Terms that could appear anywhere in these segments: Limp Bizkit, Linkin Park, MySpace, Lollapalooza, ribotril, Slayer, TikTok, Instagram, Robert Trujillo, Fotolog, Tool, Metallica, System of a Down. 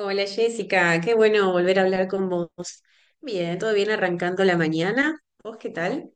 Hola Jessica, qué bueno volver a hablar con vos. Bien, todo bien arrancando la mañana. ¿Vos qué tal?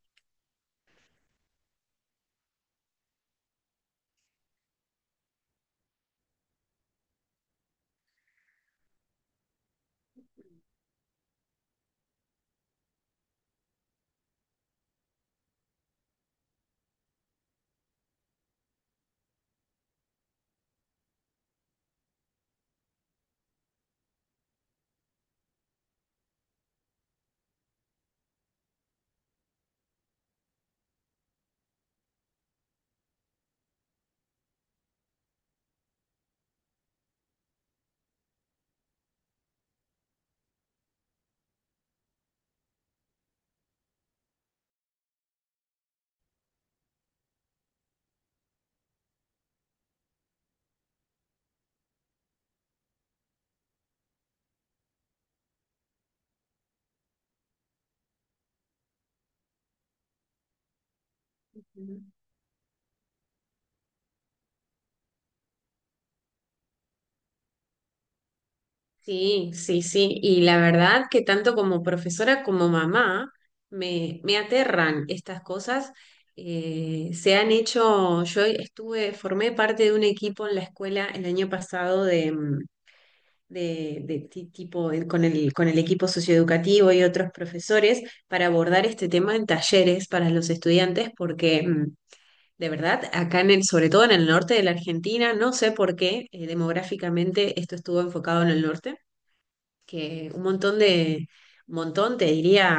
Ujú. Sí, sí, sí. Y la verdad que tanto como profesora como mamá me aterran estas cosas. Se han hecho, yo estuve, formé parte de un equipo en la escuela el año pasado de, de tipo, con el equipo socioeducativo y otros profesores para abordar este tema en talleres para los estudiantes porque de verdad, acá sobre todo en el norte de la Argentina. No sé por qué, demográficamente esto estuvo enfocado en el norte, que un montón, te diría,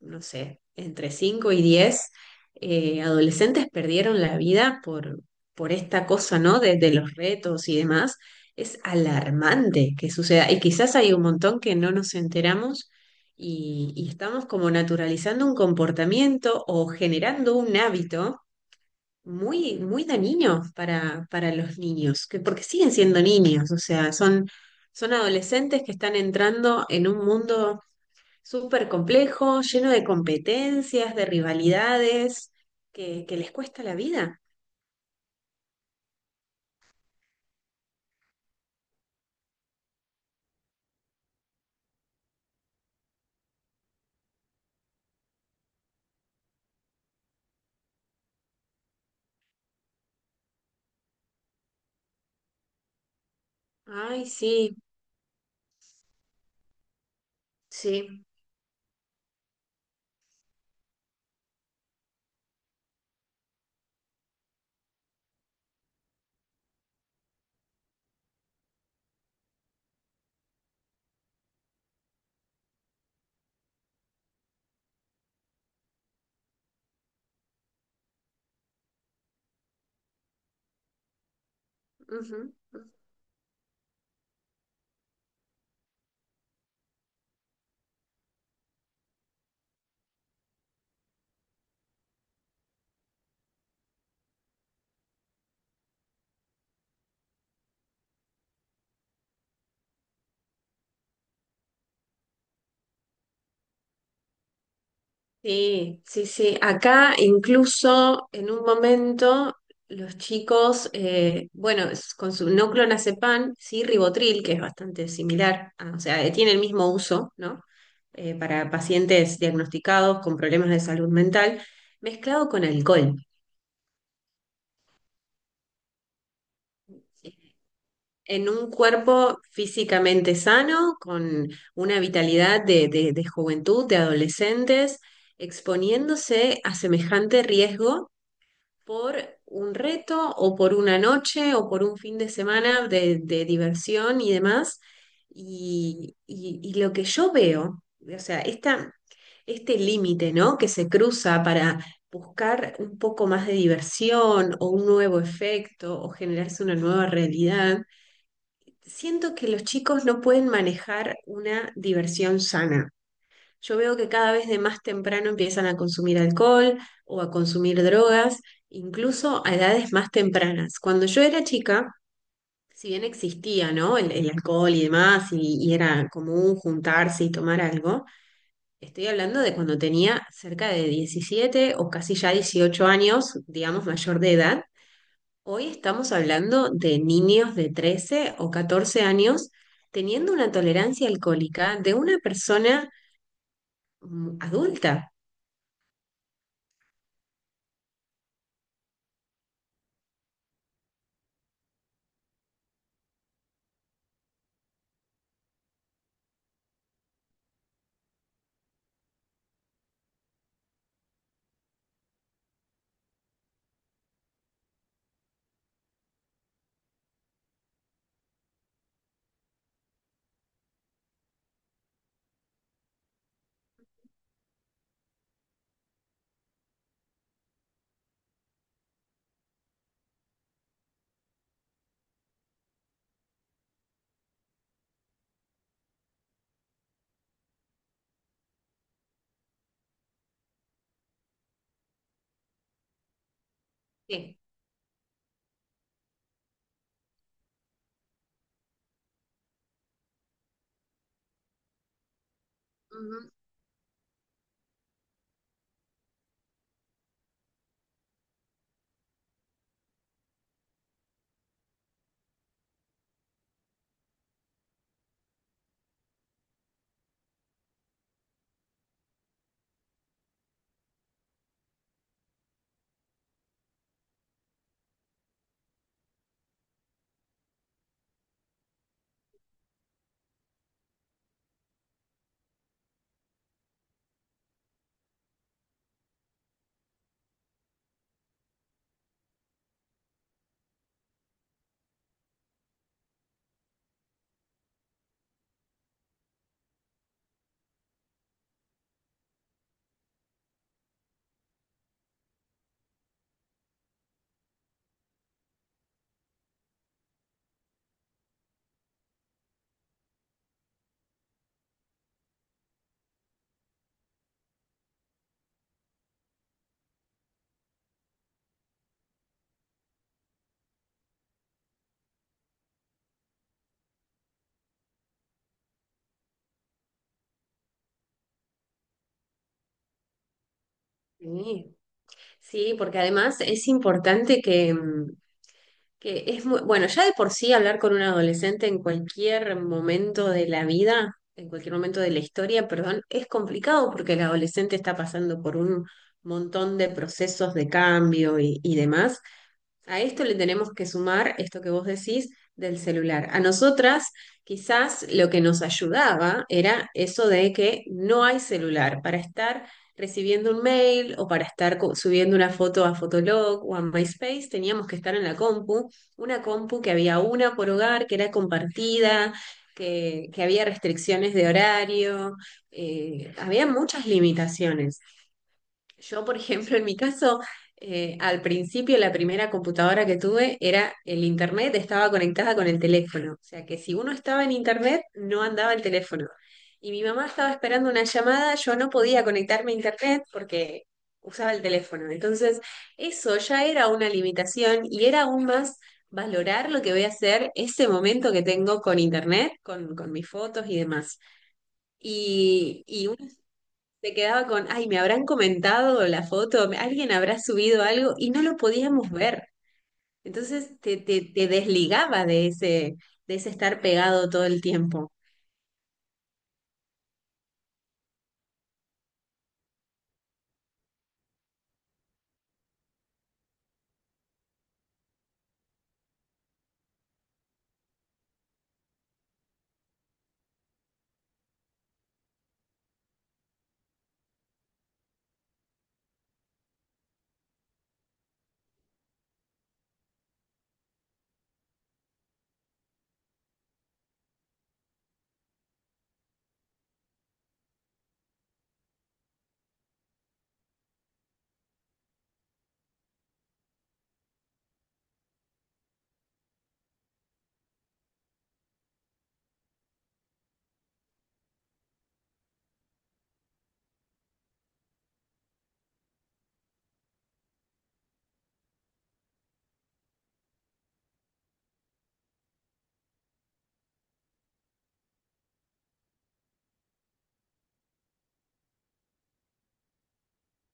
no sé, entre 5 y 10 adolescentes perdieron la vida por esta cosa, ¿no? De los retos y demás. Es alarmante que suceda. Y quizás hay un montón que no nos enteramos y estamos como naturalizando un comportamiento o generando un hábito muy, muy dañinos para los niños, porque siguen siendo niños. O sea, son adolescentes que están entrando en un mundo súper complejo, lleno de competencias, de rivalidades, que les cuesta la vida. Ay, sí, sí. Ujú, sí, sí, sí. Acá incluso en un momento los chicos, bueno, con su no clonazepam, sí ribotril, que es bastante similar, o sea, tiene el mismo uso, ¿no? Para pacientes diagnosticados con problemas de salud mental, mezclado con alcohol. ¿Sí? En un cuerpo físicamente sano, con una vitalidad de, de juventud, de adolescentes, exponiéndose a semejante riesgo por un reto o por una noche o por un fin de semana de diversión y demás. Y lo que yo veo, o sea, este límite, ¿no?, que se cruza para buscar un poco más de diversión o un nuevo efecto o generarse una nueva realidad. Siento que los chicos no pueden manejar una diversión sana. Yo veo que cada vez de más temprano empiezan a consumir alcohol o a consumir drogas, incluso a edades más tempranas. Cuando yo era chica, si bien existía, ¿no?, el alcohol y demás, y era común juntarse y tomar algo, estoy hablando de cuando tenía cerca de 17 o casi ya 18 años, digamos, mayor de edad. Hoy estamos hablando de niños de 13 o 14 años teniendo una tolerancia alcohólica de una persona, adulta. Sí. Ujú. Sí, sí, porque además es importante que, que es muy, bueno, ya de por sí hablar con un adolescente en cualquier momento de la vida, en cualquier momento de la historia, perdón, es complicado porque el adolescente está pasando por un montón de procesos de cambio y demás. A esto le tenemos que sumar esto que vos decís del celular. A nosotras quizás lo que nos ayudaba era eso de que no hay celular para estar recibiendo un mail o para estar subiendo una foto a Fotolog o a MySpace. Teníamos que estar en la compu, una compu que había una por hogar, que era compartida, que había restricciones de horario. Había muchas limitaciones. Yo, por ejemplo, en mi caso, al principio la primera computadora que tuve, era el internet, estaba conectada con el teléfono. O sea que si uno estaba en internet, no andaba el teléfono. Y mi mamá estaba esperando una llamada, yo no podía conectarme a internet porque usaba el teléfono. Entonces, eso ya era una limitación, y era aún más valorar lo que voy a hacer ese momento que tengo con internet, con mis fotos y demás. Y se quedaba con, ay, me habrán comentado la foto, alguien habrá subido algo y no lo podíamos ver. Entonces te desligaba de ese, estar pegado todo el tiempo.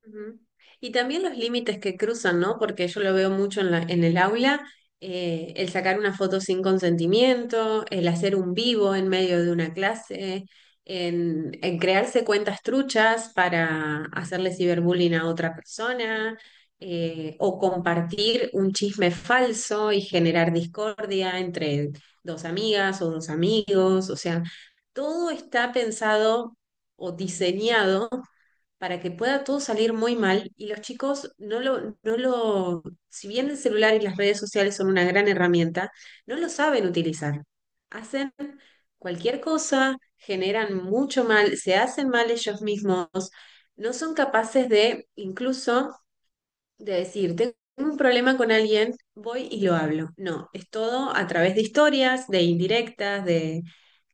Ujú. Y también los límites que cruzan, ¿no? Porque yo lo veo mucho en en el aula, el sacar una foto sin consentimiento, el hacer un vivo en medio de una clase, en crearse cuentas truchas para hacerle ciberbullying a otra persona, o compartir un chisme falso y generar discordia entre dos amigas o dos amigos. O sea, todo está pensado o diseñado para que pueda todo salir muy mal, y los chicos no lo, si bien el celular y las redes sociales son una gran herramienta, no lo saben utilizar. Hacen cualquier cosa, generan mucho mal, se hacen mal ellos mismos, no son capaces de incluso de decir, tengo un problema con alguien, voy y lo hablo. No, es todo a través de historias, de indirectas,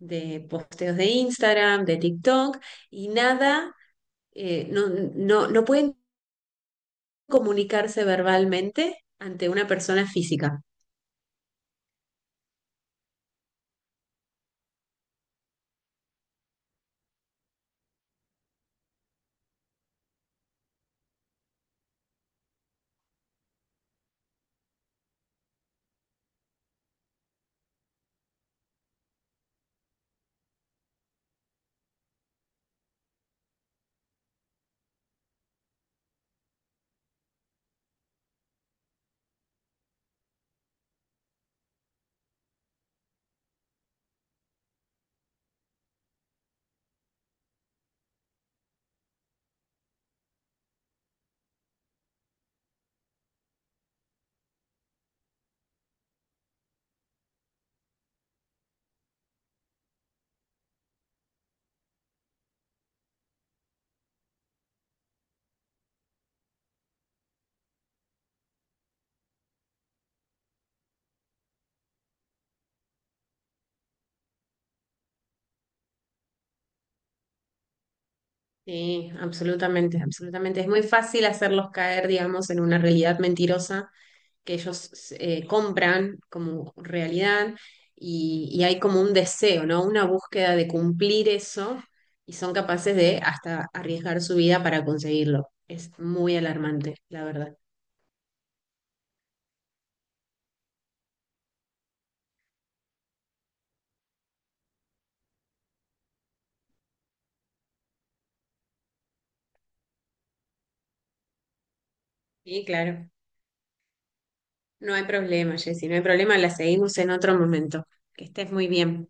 de posteos de Instagram, de TikTok, y nada, no, no, no pueden comunicarse verbalmente ante una persona física. Sí, absolutamente, absolutamente. Es muy fácil hacerlos caer, digamos, en una realidad mentirosa que ellos, compran como realidad, y hay como un deseo, ¿no?, una búsqueda de cumplir eso, y son capaces de hasta arriesgar su vida para conseguirlo. Es muy alarmante, la verdad. Sí, claro. No hay problema, Jessy, no hay problema. La seguimos en otro momento. Que estés muy bien.